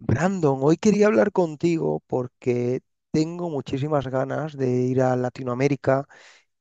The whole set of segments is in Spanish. Brandon, hoy quería hablar contigo porque tengo muchísimas ganas de ir a Latinoamérica,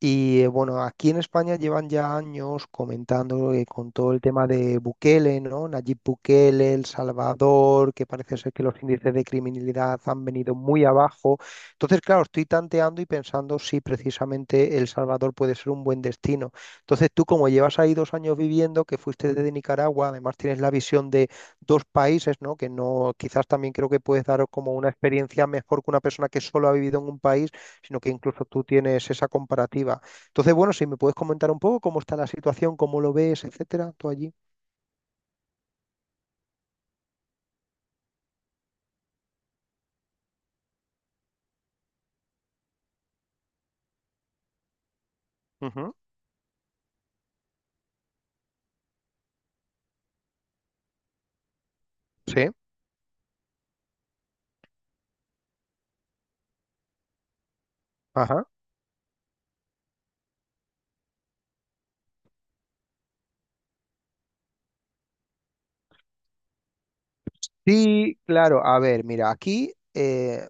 y bueno, aquí en España llevan ya años comentando con todo el tema de Bukele, ¿no? Nayib Bukele, El Salvador, que parece ser que los índices de criminalidad han venido muy abajo. Entonces, claro, estoy tanteando y pensando si precisamente El Salvador puede ser un buen destino. Entonces, tú como llevas ahí dos años viviendo, que fuiste desde Nicaragua, además tienes la visión de dos países, ¿no? Que no, quizás también creo que puedes dar como una experiencia mejor que una persona que solo ha vivido en un país, sino que incluso tú tienes esa comparativa. Entonces, bueno, si me puedes comentar un poco cómo está la situación, cómo lo ves, etcétera, tú allí. Ujú. Sí. Ajá. Sí, claro, a ver, mira, aquí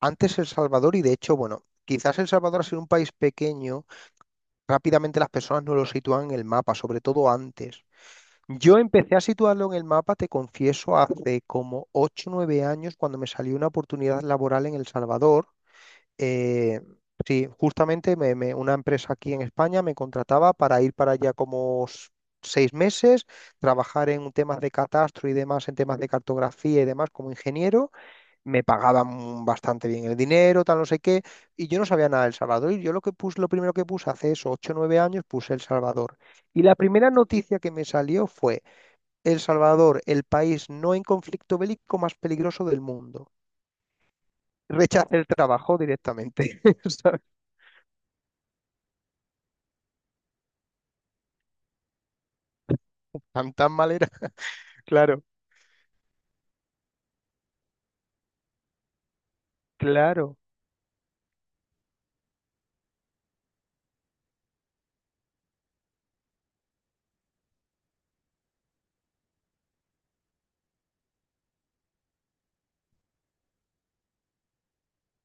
antes El Salvador, y de hecho, bueno, quizás El Salvador ha sido un país pequeño, rápidamente las personas no lo sitúan en el mapa, sobre todo antes. Yo empecé a situarlo en el mapa, te confieso, hace como 8 o nueve años cuando me salió una oportunidad laboral en El Salvador. Eh, sí, justamente una empresa aquí en España me contrataba para ir para allá como seis meses, trabajar en temas de catastro y demás, en temas de cartografía y demás como ingeniero. Me pagaban bastante bien el dinero, tal, no sé qué, y yo no sabía nada de El Salvador. Y yo lo que puse, lo primero que puse hace eso, ocho o nueve años, puse El Salvador. Y la primera noticia que me salió fue: El Salvador, el país no en conflicto bélico más peligroso del mundo. Rechacé el trabajo directamente. Tan, tan mal era. Claro, claro,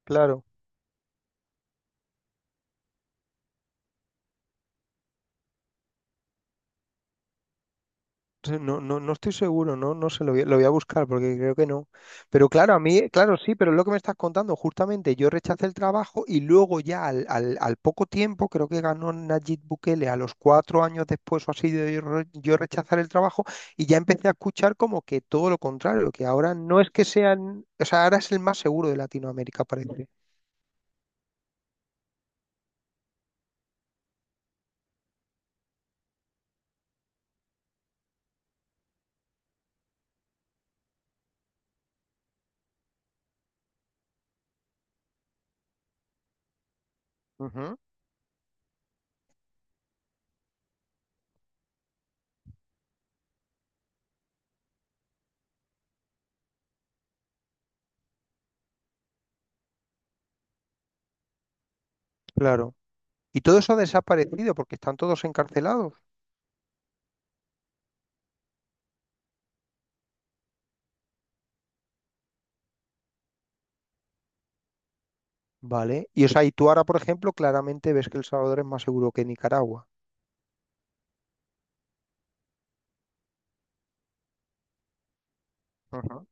claro. Entonces, no, no, no estoy seguro, no, no sé, lo voy a buscar porque creo que no. Pero claro, a mí, claro, sí, pero es lo que me estás contando, justamente yo rechacé el trabajo y luego ya al poco tiempo, creo que ganó Nayib Bukele a los cuatro años después o así de yo rechazar el trabajo, y ya empecé a escuchar como que todo lo contrario, que ahora no es que sean, o sea, ahora es el más seguro de Latinoamérica, parece. Ujú. Claro. Y todo eso ha desaparecido porque están todos encarcelados. Vale. Y o sea, y tú ahora, por ejemplo, claramente ves que El Salvador es más seguro que Nicaragua. Ajá.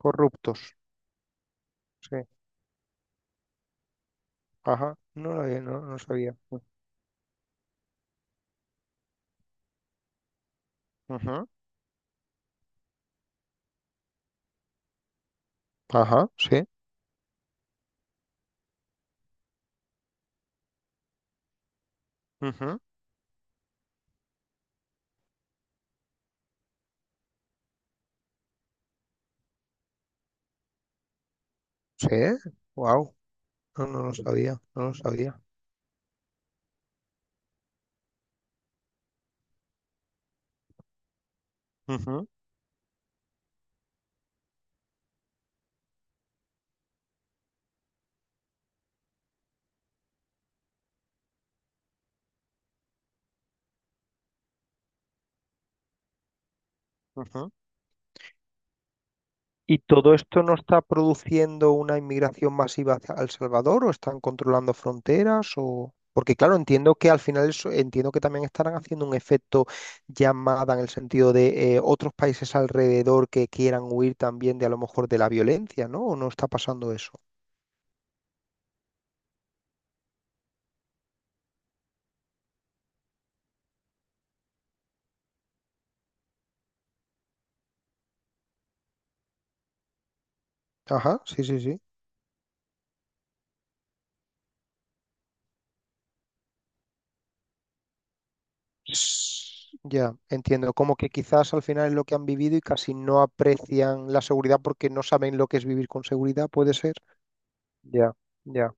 Corruptos. Sí. Ajá. No, no sabía. Ajá. Ajá. Sí. Ujú. Sí. Wow. No, no lo sabía. No lo sabía. Ujú, ujú. ¿Y todo esto no está produciendo una inmigración masiva hacia El Salvador, o están controlando fronteras, o porque claro, entiendo que al final entiendo que también estarán haciendo un efecto llamada en el sentido de otros países alrededor que quieran huir también, de a lo mejor, de la violencia, ¿no? ¿O no está pasando eso? Ajá, sí, sí, sí. Ya, entiendo. Como que quizás al final es lo que han vivido y casi no aprecian la seguridad porque no saben lo que es vivir con seguridad, puede ser. Ya, ya.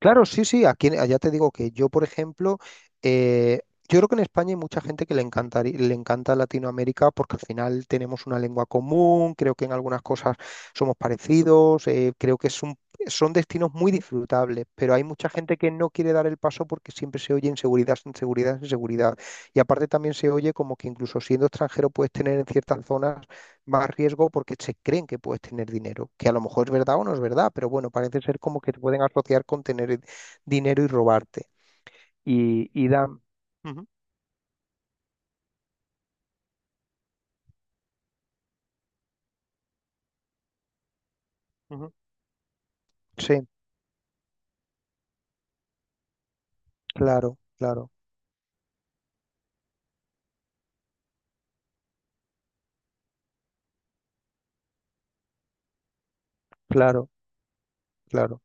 Claro, sí, sí, aquí allá te digo que yo, por ejemplo, eh, yo creo que en España hay mucha gente que le encanta Latinoamérica porque al final tenemos una lengua común, creo que en algunas cosas somos parecidos, creo que son destinos muy disfrutables, pero hay mucha gente que no quiere dar el paso porque siempre se oye inseguridad, inseguridad, inseguridad. Y aparte también se oye como que incluso siendo extranjero puedes tener en ciertas zonas más riesgo porque se creen que puedes tener dinero, que a lo mejor es verdad o no es verdad, pero bueno, parece ser como que te pueden asociar con tener el dinero y robarte. Y dan. Ujú, ujú. Sí, claro, claro, claro, claro.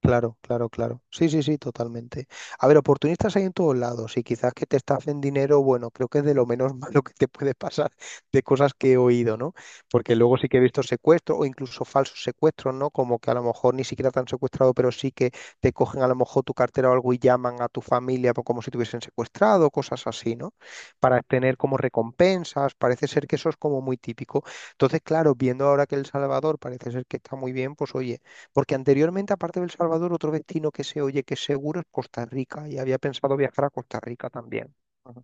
Claro, claro, claro. Sí, sí, sí, totalmente. A ver, oportunistas hay en todos lados, y quizás que te estafen dinero, bueno, creo que es de lo menos malo que te puede pasar de cosas que he oído, ¿no? Porque luego sí que he visto secuestros o incluso falsos secuestros, ¿no? Como que a lo mejor ni siquiera te han secuestrado, pero sí que te cogen a lo mejor tu cartera o algo y llaman a tu familia, como si te hubiesen secuestrado, cosas así, ¿no? Para tener como recompensas, parece ser que eso es como muy típico. Entonces, claro, viendo ahora que El Salvador parece ser que está muy bien, pues oye. Porque anteriormente, aparte de El Salvador, otro destino que se oye que es seguro es Costa Rica, y había pensado viajar a Costa Rica también. Ajá.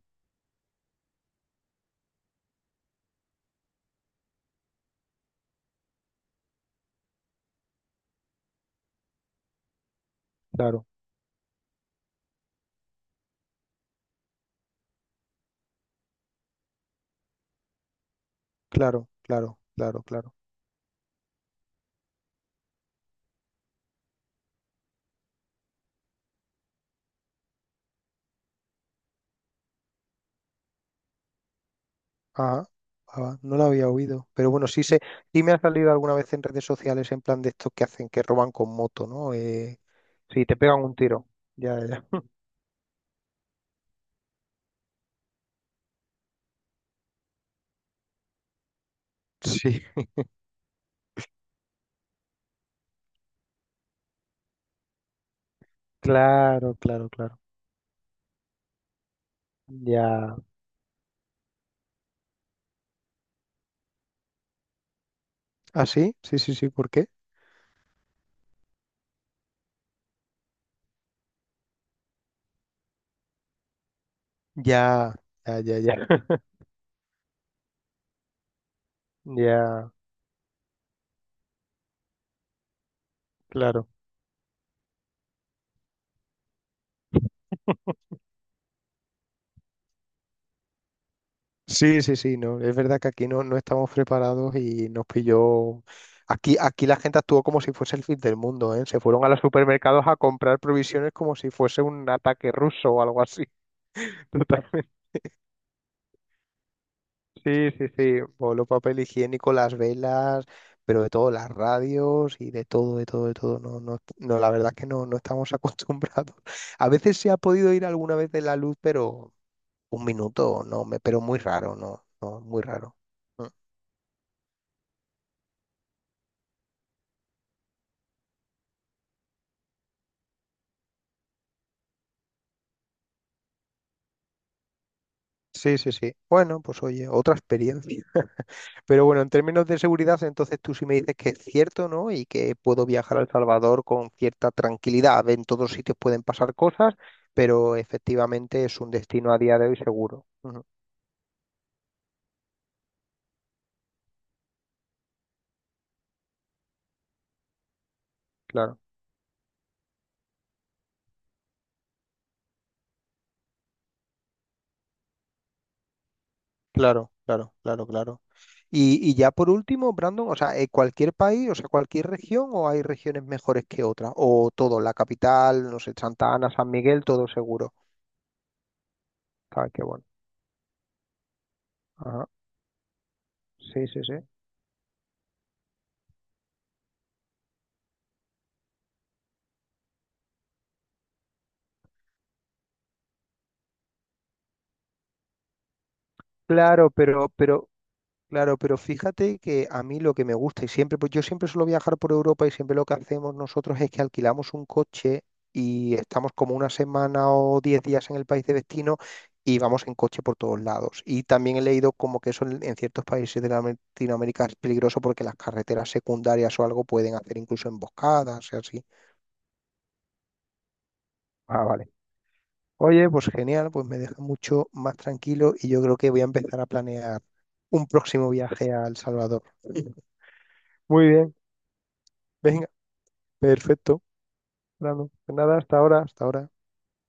Claro, claro, claro, claro, claro. Ajá, ajá, no lo había oído. Pero bueno, sí sé, sí me ha salido alguna vez en redes sociales en plan de estos que hacen, que roban con moto, ¿no? Sí, te pegan un tiro. Ya, ya. Sí, claro, claro, claro. Ya. ¿Ah, sí? Sí, sí, sí, ¿por qué? Ya, ya, ya, ya. Ya, claro. Sí, sí, sí, no, es verdad que aquí no, no estamos preparados y nos pilló. Aquí la gente actuó como si fuese el fin del mundo, ¿eh? Se fueron a los supermercados a comprar provisiones como si fuese un ataque ruso o algo así. Totalmente. Sí, sí, sí. Voló papel higiénico, las velas, pero de todo, las radios y de todo, de todo, de todo. No, no, no, la verdad es que no, no estamos acostumbrados. A veces se ha podido ir alguna vez de la luz, pero un minuto, no, me, pero muy raro, no, no, muy raro. Sí, sí, sí. Bueno, pues oye, otra experiencia. Pero bueno, en términos de seguridad, entonces tú sí me dices que es cierto, ¿no? Y que puedo viajar a El Salvador con cierta tranquilidad. En todos sitios pueden pasar cosas, pero efectivamente es un destino a día de hoy seguro. Ujú. Claro, claro, claro, claro, claro. Y ya por último, Brandon, o sea, cualquier país, o sea, cualquier región, ¿o hay regiones mejores que otras, o todo, la capital, no sé, Santa Ana, San Miguel, todo seguro? Ah, qué bueno. Ajá. Sí, sí, sí. Claro, pero, pero Claro, pero fíjate que a mí lo que me gusta, y siempre, pues yo siempre suelo viajar por Europa y siempre lo que hacemos nosotros es que alquilamos un coche y estamos como una semana o diez días en el país de destino y vamos en coche por todos lados. Y también he leído como que eso en, ciertos países de Latinoamérica es peligroso porque las carreteras secundarias o algo, pueden hacer incluso emboscadas y así. Ah, vale. Oye, pues genial, pues me deja mucho más tranquilo y yo creo que voy a empezar a planear un próximo viaje a El Salvador. Muy bien. Venga. Perfecto, Brandon. Pues nada, hasta ahora, hasta ahora.